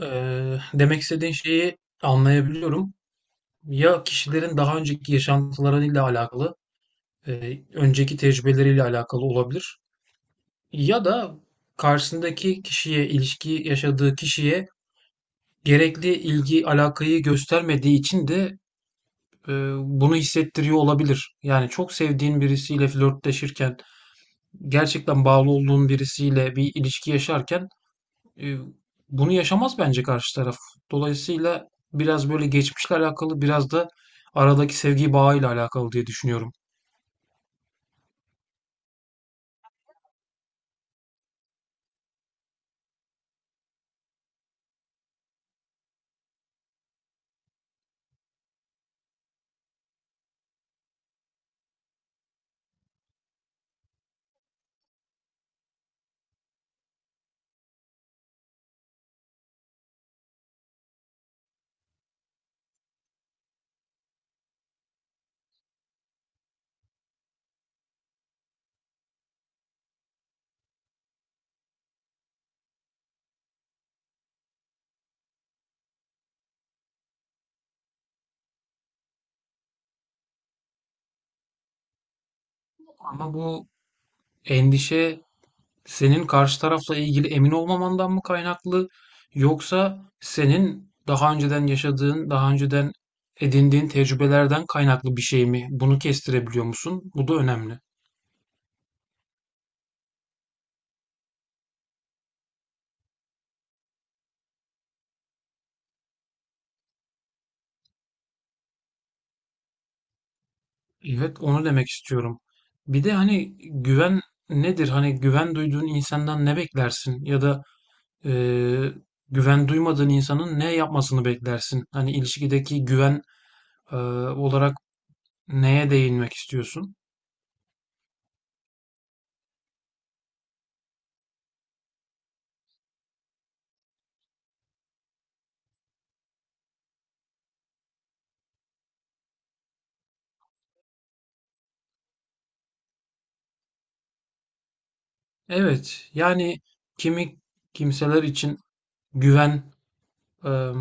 Demek istediğin şeyi anlayabiliyorum. Ya kişilerin daha önceki yaşantılarıyla alakalı, önceki tecrübeleriyle alakalı olabilir. Ya da karşısındaki kişiye, ilişki yaşadığı kişiye gerekli ilgi, alakayı göstermediği için de bunu hissettiriyor olabilir. Yani çok sevdiğin birisiyle flörtleşirken, gerçekten bağlı olduğun birisiyle bir ilişki yaşarken Eee, bunu yaşamaz bence karşı taraf. Dolayısıyla biraz böyle geçmişle alakalı, biraz da aradaki sevgi bağıyla alakalı diye düşünüyorum. Ama bu endişe senin karşı tarafla ilgili emin olmamandan mı kaynaklı yoksa senin daha önceden yaşadığın, daha önceden edindiğin tecrübelerden kaynaklı bir şey mi? Bunu kestirebiliyor musun? Bu da önemli. Evet, onu demek istiyorum. Bir de hani güven nedir? Hani güven duyduğun insandan ne beklersin? Ya da eee, güven duymadığın insanın ne yapmasını beklersin? Hani ilişkideki güven eee, olarak neye değinmek istiyorsun? Evet, yani kimi kimseler için güven, eee,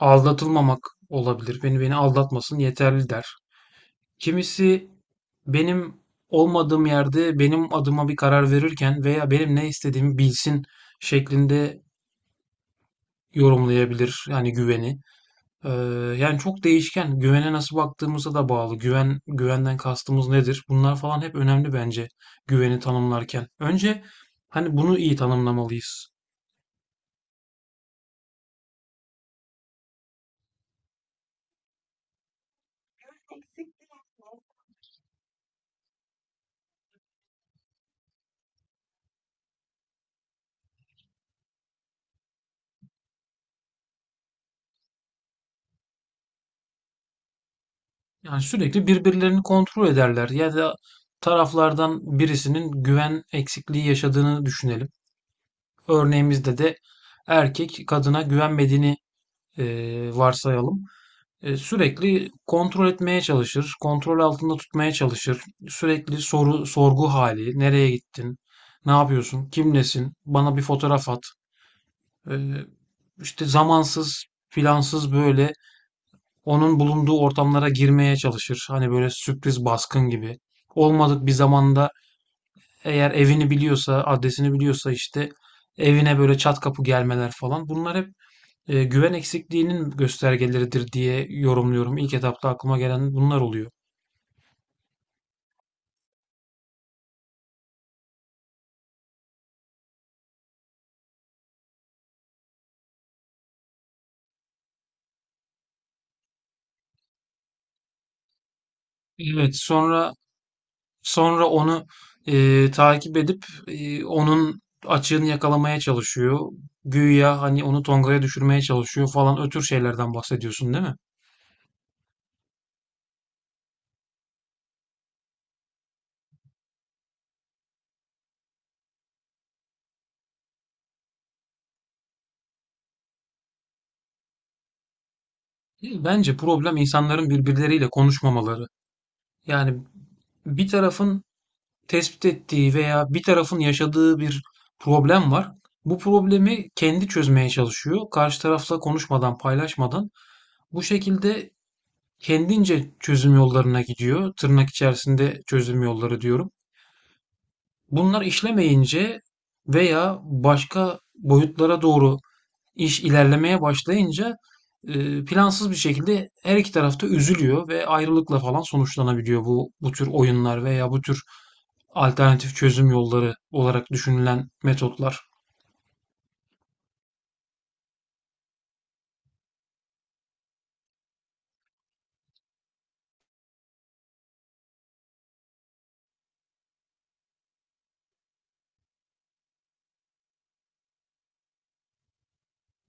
aldatılmamak olabilir. Beni aldatmasın yeterli der. Kimisi benim olmadığım yerde benim adıma bir karar verirken veya benim ne istediğimi bilsin şeklinde yorumlayabilir yani güveni. Ee, Yani çok değişken. Güvene nasıl baktığımıza da bağlı. Güvenden kastımız nedir? Bunlar falan hep önemli bence güveni tanımlarken. Önce hani bunu iyi tanımlamalıyız. Yani sürekli birbirlerini kontrol ederler ya da taraflardan birisinin güven eksikliği yaşadığını düşünelim. Örneğimizde de erkek kadına güvenmediğini varsayalım. Sürekli kontrol etmeye çalışır, kontrol altında tutmaya çalışır. Sürekli soru, sorgu hali, nereye gittin, ne yapıyorsun, kimlesin, bana bir fotoğraf at. E, işte zamansız, plansız böyle onun bulunduğu ortamlara girmeye çalışır. Hani böyle sürpriz baskın gibi. Olmadık bir zamanda eğer evini biliyorsa, adresini biliyorsa işte evine böyle çat kapı gelmeler falan. Bunlar hep güven eksikliğinin göstergeleridir diye yorumluyorum. İlk etapta aklıma gelen bunlar oluyor. Evet, sonra onu, takip edip, onun açığını yakalamaya çalışıyor. Güya, hani, onu tongaya düşürmeye çalışıyor falan. Ötür şeylerden bahsediyorsun, değil mi? Değil. Bence problem insanların birbirleriyle konuşmamaları. Yani bir tarafın tespit ettiği veya bir tarafın yaşadığı bir problem var. Bu problemi kendi çözmeye çalışıyor. Karşı tarafla konuşmadan, paylaşmadan. Bu şekilde kendince çözüm yollarına gidiyor. Tırnak içerisinde çözüm yolları diyorum. Bunlar işlemeyince veya başka boyutlara doğru iş ilerlemeye başlayınca, plansız bir şekilde her iki tarafta üzülüyor ve ayrılıkla falan sonuçlanabiliyor bu tür oyunlar veya bu tür alternatif çözüm yolları olarak düşünülen metotlar.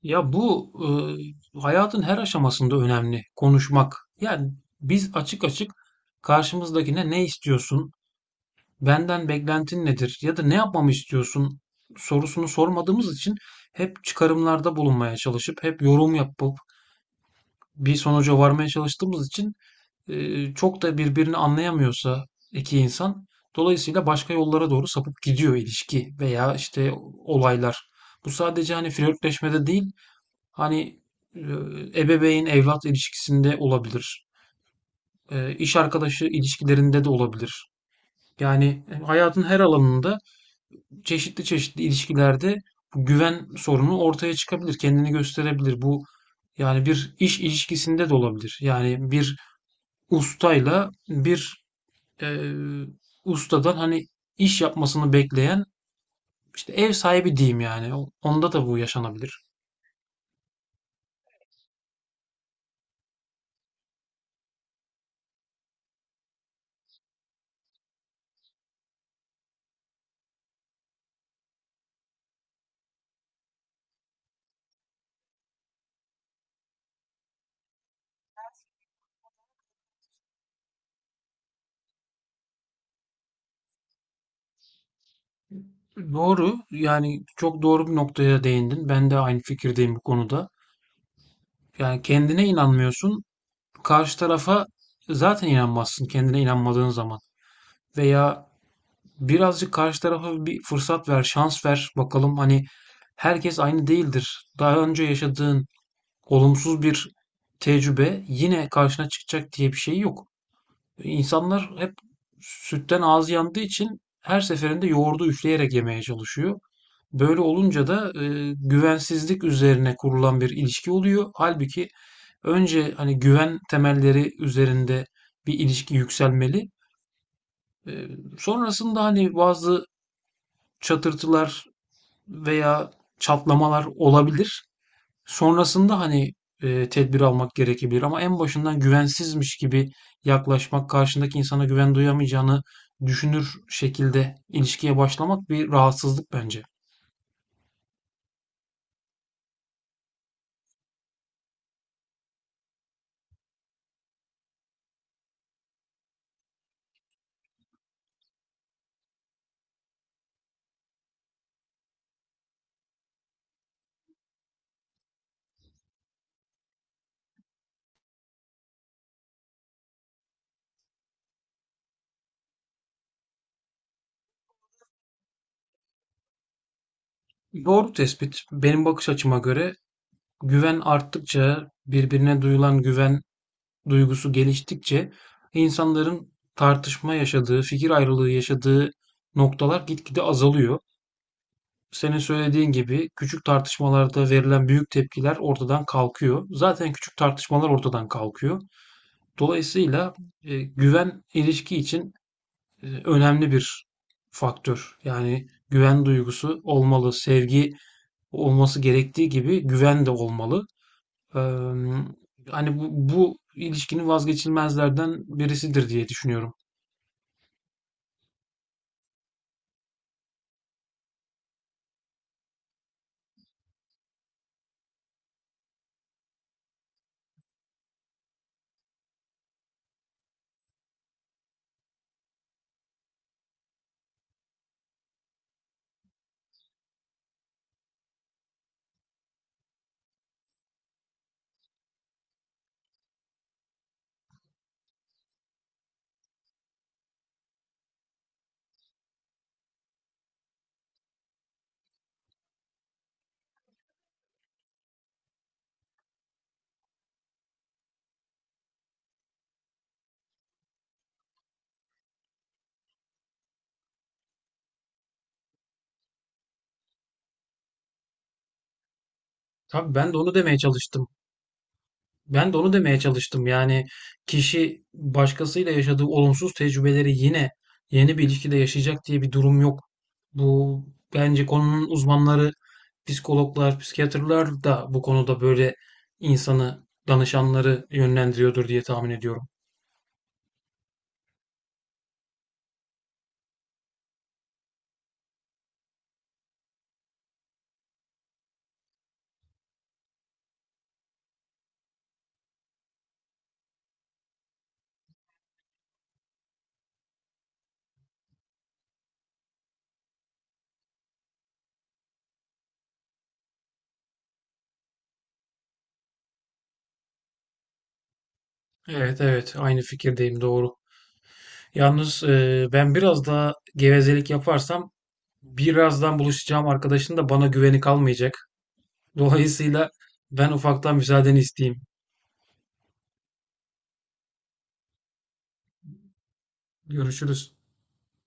Ya bu hayatın her aşamasında önemli konuşmak. Yani biz açık açık karşımızdakine ne istiyorsun, benden beklentin nedir ya da ne yapmamı istiyorsun sorusunu sormadığımız için hep çıkarımlarda bulunmaya çalışıp hep yorum yapıp bir sonuca varmaya çalıştığımız için çok da birbirini anlayamıyorsa iki insan dolayısıyla başka yollara doğru sapıp gidiyor ilişki veya işte olaylar. Bu sadece hani flörtleşmede değil. Hani e, ebeveyn evlat ilişkisinde olabilir. İş arkadaşı ilişkilerinde de olabilir. Yani hayatın her alanında çeşitli çeşitli ilişkilerde bu güven sorunu ortaya çıkabilir, kendini gösterebilir. Bu yani bir iş ilişkisinde de olabilir. Yani bir ustayla bir e, ustadan hani iş yapmasını bekleyen işte ev sahibi diyeyim yani. Onda da bu yaşanabilir. Doğru. Yani çok doğru bir noktaya değindin. Ben de aynı fikirdeyim bu konuda. Yani kendine inanmıyorsun. Karşı tarafa zaten inanmazsın kendine inanmadığın zaman. Veya birazcık karşı tarafa bir fırsat ver, şans ver. Bakalım hani herkes aynı değildir. Daha önce yaşadığın olumsuz bir tecrübe yine karşına çıkacak diye bir şey yok. İnsanlar hep sütten ağzı yandığı için her seferinde yoğurdu üfleyerek yemeye çalışıyor. Böyle olunca da güvensizlik üzerine kurulan bir ilişki oluyor. Halbuki önce hani güven temelleri üzerinde bir ilişki yükselmeli. E, Sonrasında hani bazı çatırtılar veya çatlamalar olabilir. Sonrasında, hani, tedbir almak gerekebilir ama en başından güvensizmiş gibi yaklaşmak, karşındaki insana güven duyamayacağını düşünür şekilde ilişkiye başlamak bir rahatsızlık bence. Doğru tespit. Benim bakış açıma göre güven arttıkça, birbirine duyulan güven duygusu geliştikçe insanların tartışma yaşadığı, fikir ayrılığı yaşadığı noktalar gitgide azalıyor. Senin söylediğin gibi küçük tartışmalarda verilen büyük tepkiler ortadan kalkıyor. Zaten küçük tartışmalar ortadan kalkıyor. Dolayısıyla güven ilişki için önemli bir faktör. Yani güven duygusu olmalı, sevgi olması gerektiği gibi güven de olmalı. Eee, Hani bu ilişkinin vazgeçilmezlerden birisidir diye düşünüyorum. Tabii ben de onu demeye çalıştım. Ben de onu demeye çalıştım. Yani kişi başkasıyla yaşadığı olumsuz tecrübeleri yine yeni bir ilişkide yaşayacak diye bir durum yok. Bu bence konunun uzmanları, psikologlar, psikiyatrlar da bu konuda böyle insanı, danışanları yönlendiriyordur diye tahmin ediyorum. Evet evet aynı fikirdeyim doğru. Yalnız ben biraz daha gevezelik yaparsam birazdan buluşacağım arkadaşın da bana güveni kalmayacak. Dolayısıyla ben ufaktan müsaadeni isteyeyim. Görüşürüz.